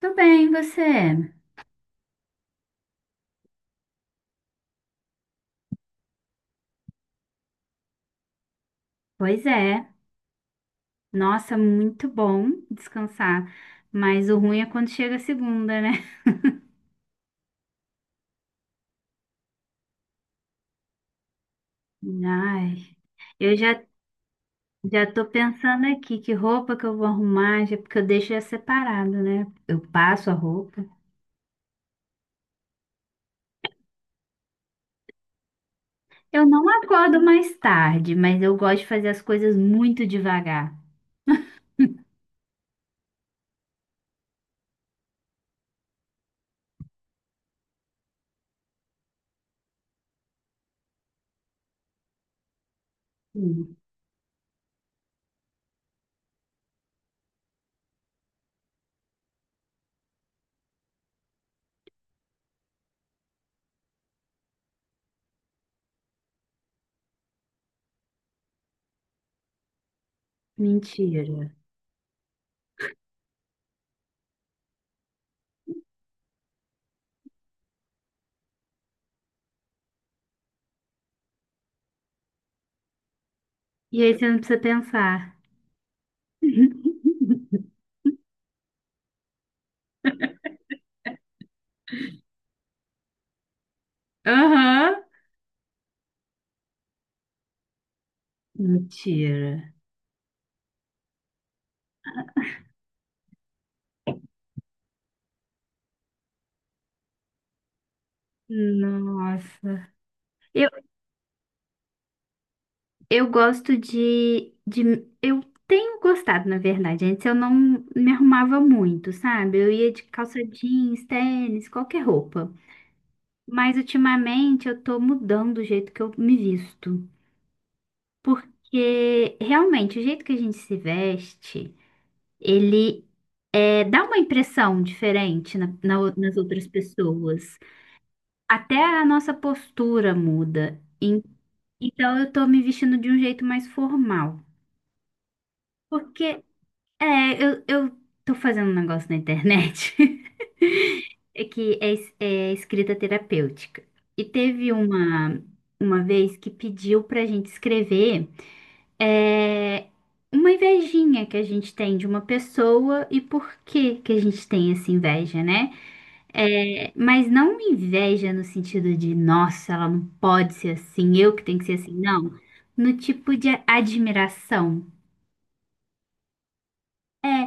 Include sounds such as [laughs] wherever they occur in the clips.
Tudo bem, você? Pois é. Nossa, muito bom descansar. Mas o ruim é quando chega a segunda, né? [laughs] Ai, eu já, já tô pensando aqui que roupa que eu vou arrumar, já, porque eu deixo já separado, né? Eu passo a roupa. Eu não acordo mais tarde, mas eu gosto de fazer as coisas muito devagar. Hum, mentira. E aí você não precisa pensar. [laughs] Aham. Mentira. Nossa. eu Eu gosto de, de. Eu tenho gostado, na verdade. Antes eu não me arrumava muito, sabe? Eu ia de calça jeans, tênis, qualquer roupa. Mas ultimamente eu tô mudando o jeito que eu me visto. Porque realmente o jeito que a gente se veste, ele é, dá uma impressão diferente nas outras pessoas. Até a nossa postura muda. Em- Então eu tô me vestindo de um jeito mais formal. Porque eu tô fazendo um negócio na internet. [laughs] É escrita terapêutica. E teve uma vez que pediu pra gente escrever é, uma invejinha que a gente tem de uma pessoa e por que que a gente tem essa inveja, né? É, mas não uma inveja no sentido de, nossa, ela não pode ser assim, eu que tenho que ser assim, não. No tipo de admiração. É,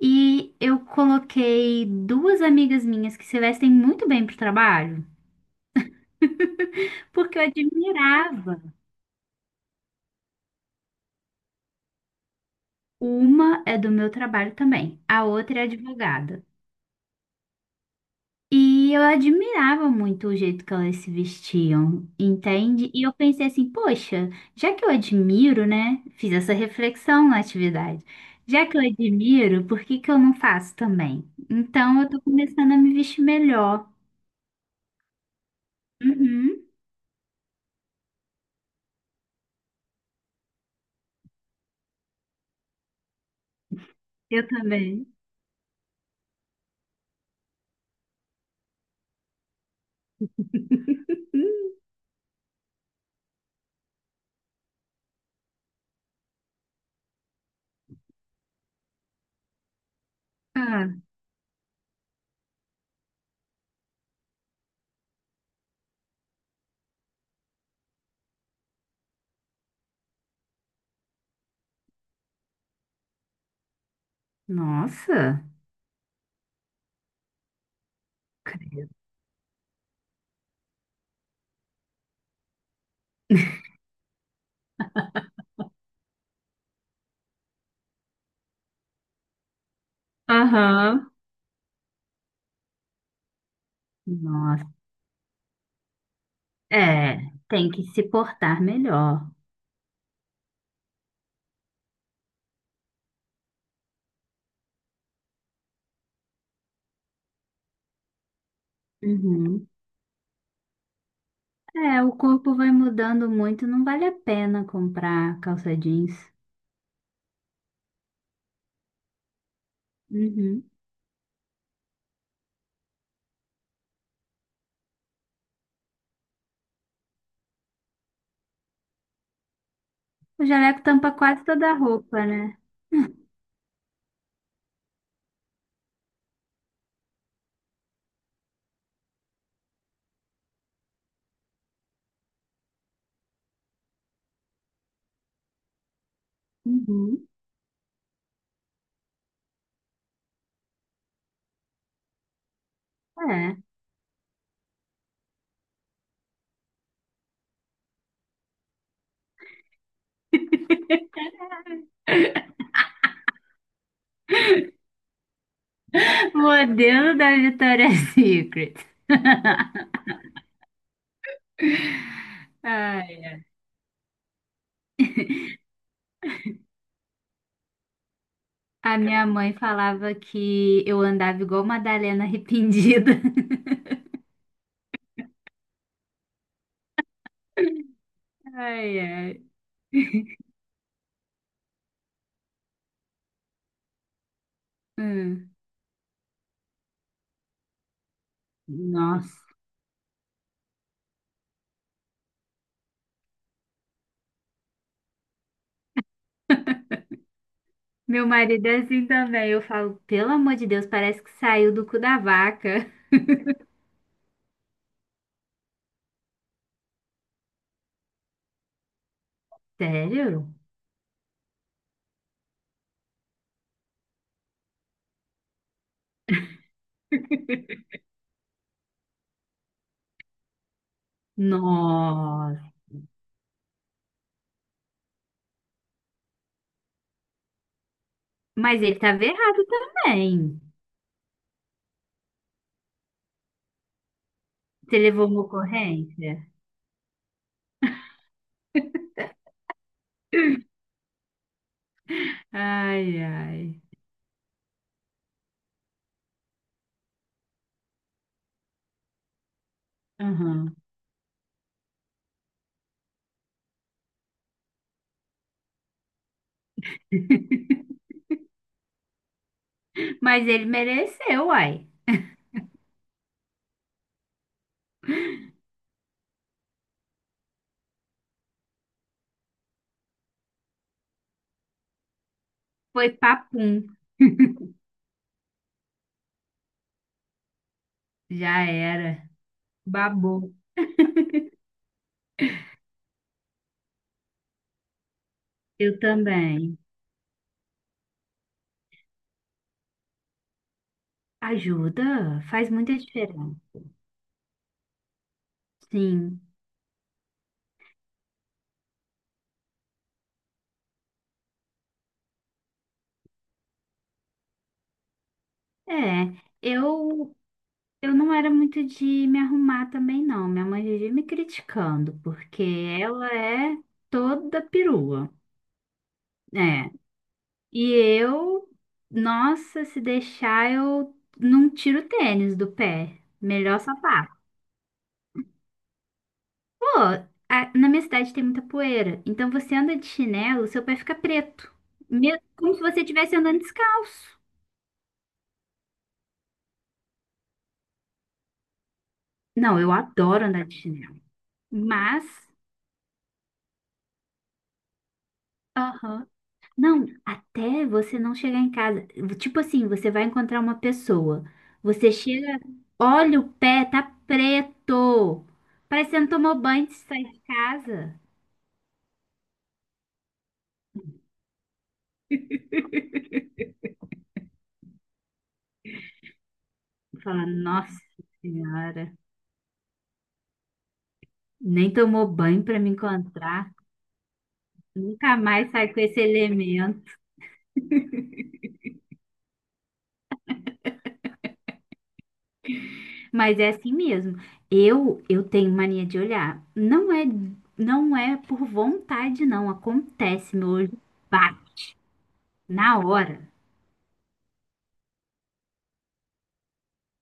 e eu coloquei duas amigas minhas que se vestem muito bem para o trabalho, porque eu admirava. Uma é do meu trabalho também, a outra é advogada. E eu admirava muito o jeito que elas se vestiam, entende? E eu pensei assim, poxa, já que eu admiro, né? Fiz essa reflexão na atividade. Já que eu admiro, por que que eu não faço também? Então eu tô começando a me vestir melhor. Uhum, eu também. [laughs] Ah, nossa, credo. Aham. Nossa, é, tem que se portar melhor. Uhum. É, o corpo vai mudando muito, não vale a pena comprar calça jeans. Uhum. O jaleco tampa quase toda a roupa, né? Uhum. É. [laughs] Modelo da Victoria's Secret. Ai. A minha mãe falava que eu andava igual Madalena arrependida. [laughs] Ai, ai. Hum. Nossa. Meu marido é assim também. Eu falo, pelo amor de Deus, parece que saiu do cu da vaca. [laughs] Sério? Nossa. Mas ele tava errado também. Você levou uma ocorrência? Ai, ai. Aham. [laughs] Mas ele mereceu, uai. Foi papum. [laughs] Já era. Babou. Eu também. Ajuda, faz muita diferença. Sim. É. Eu Eu não era muito de me arrumar também, não. Minha mãe vivia me criticando, porque ela é toda perua. É. E eu, nossa, se deixar, eu não tiro o tênis do pé. Melhor sapato. Pô, na minha cidade tem muita poeira. Então você anda de chinelo, seu pé fica preto. Me- Como se você estivesse andando descalço. Não, eu adoro andar de chinelo. Mas, aham. Não, até você não chegar em casa. Tipo assim, você vai encontrar uma pessoa. Você chega, olha o pé, tá preto. Parece que você não tomou banho antes de sair de casa. Fala, nossa senhora, nem tomou banho pra me encontrar. Nunca mais sai com esse elemento. Mas é assim mesmo. Eu tenho mania de olhar. Não é por vontade, não. Acontece, meu olho bate na hora.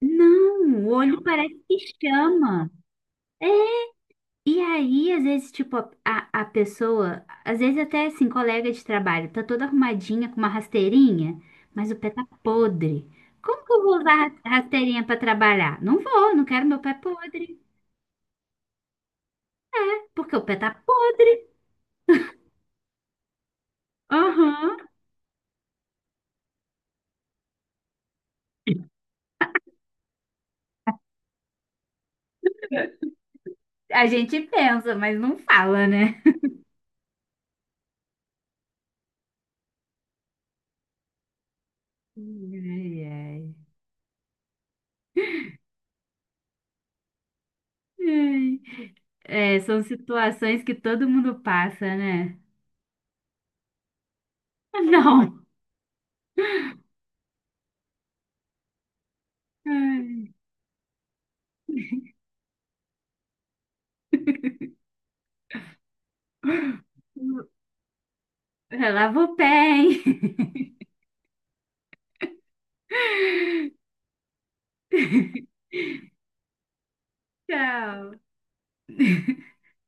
Não, o olho parece que chama. É, e aí, às vezes, tipo, a pessoa, às vezes até assim, colega de trabalho, tá toda arrumadinha com uma rasteirinha, mas o pé tá podre. Como que eu vou usar rasteirinha pra trabalhar? Não vou, não quero meu pé podre, porque o pé tá podre. Aham. A gente pensa, mas não fala, né? Ai, ai. Ai. É, são situações que todo mundo passa, né? [laughs] Não. Ai. Lava o pé, hein? [laughs] Tchau.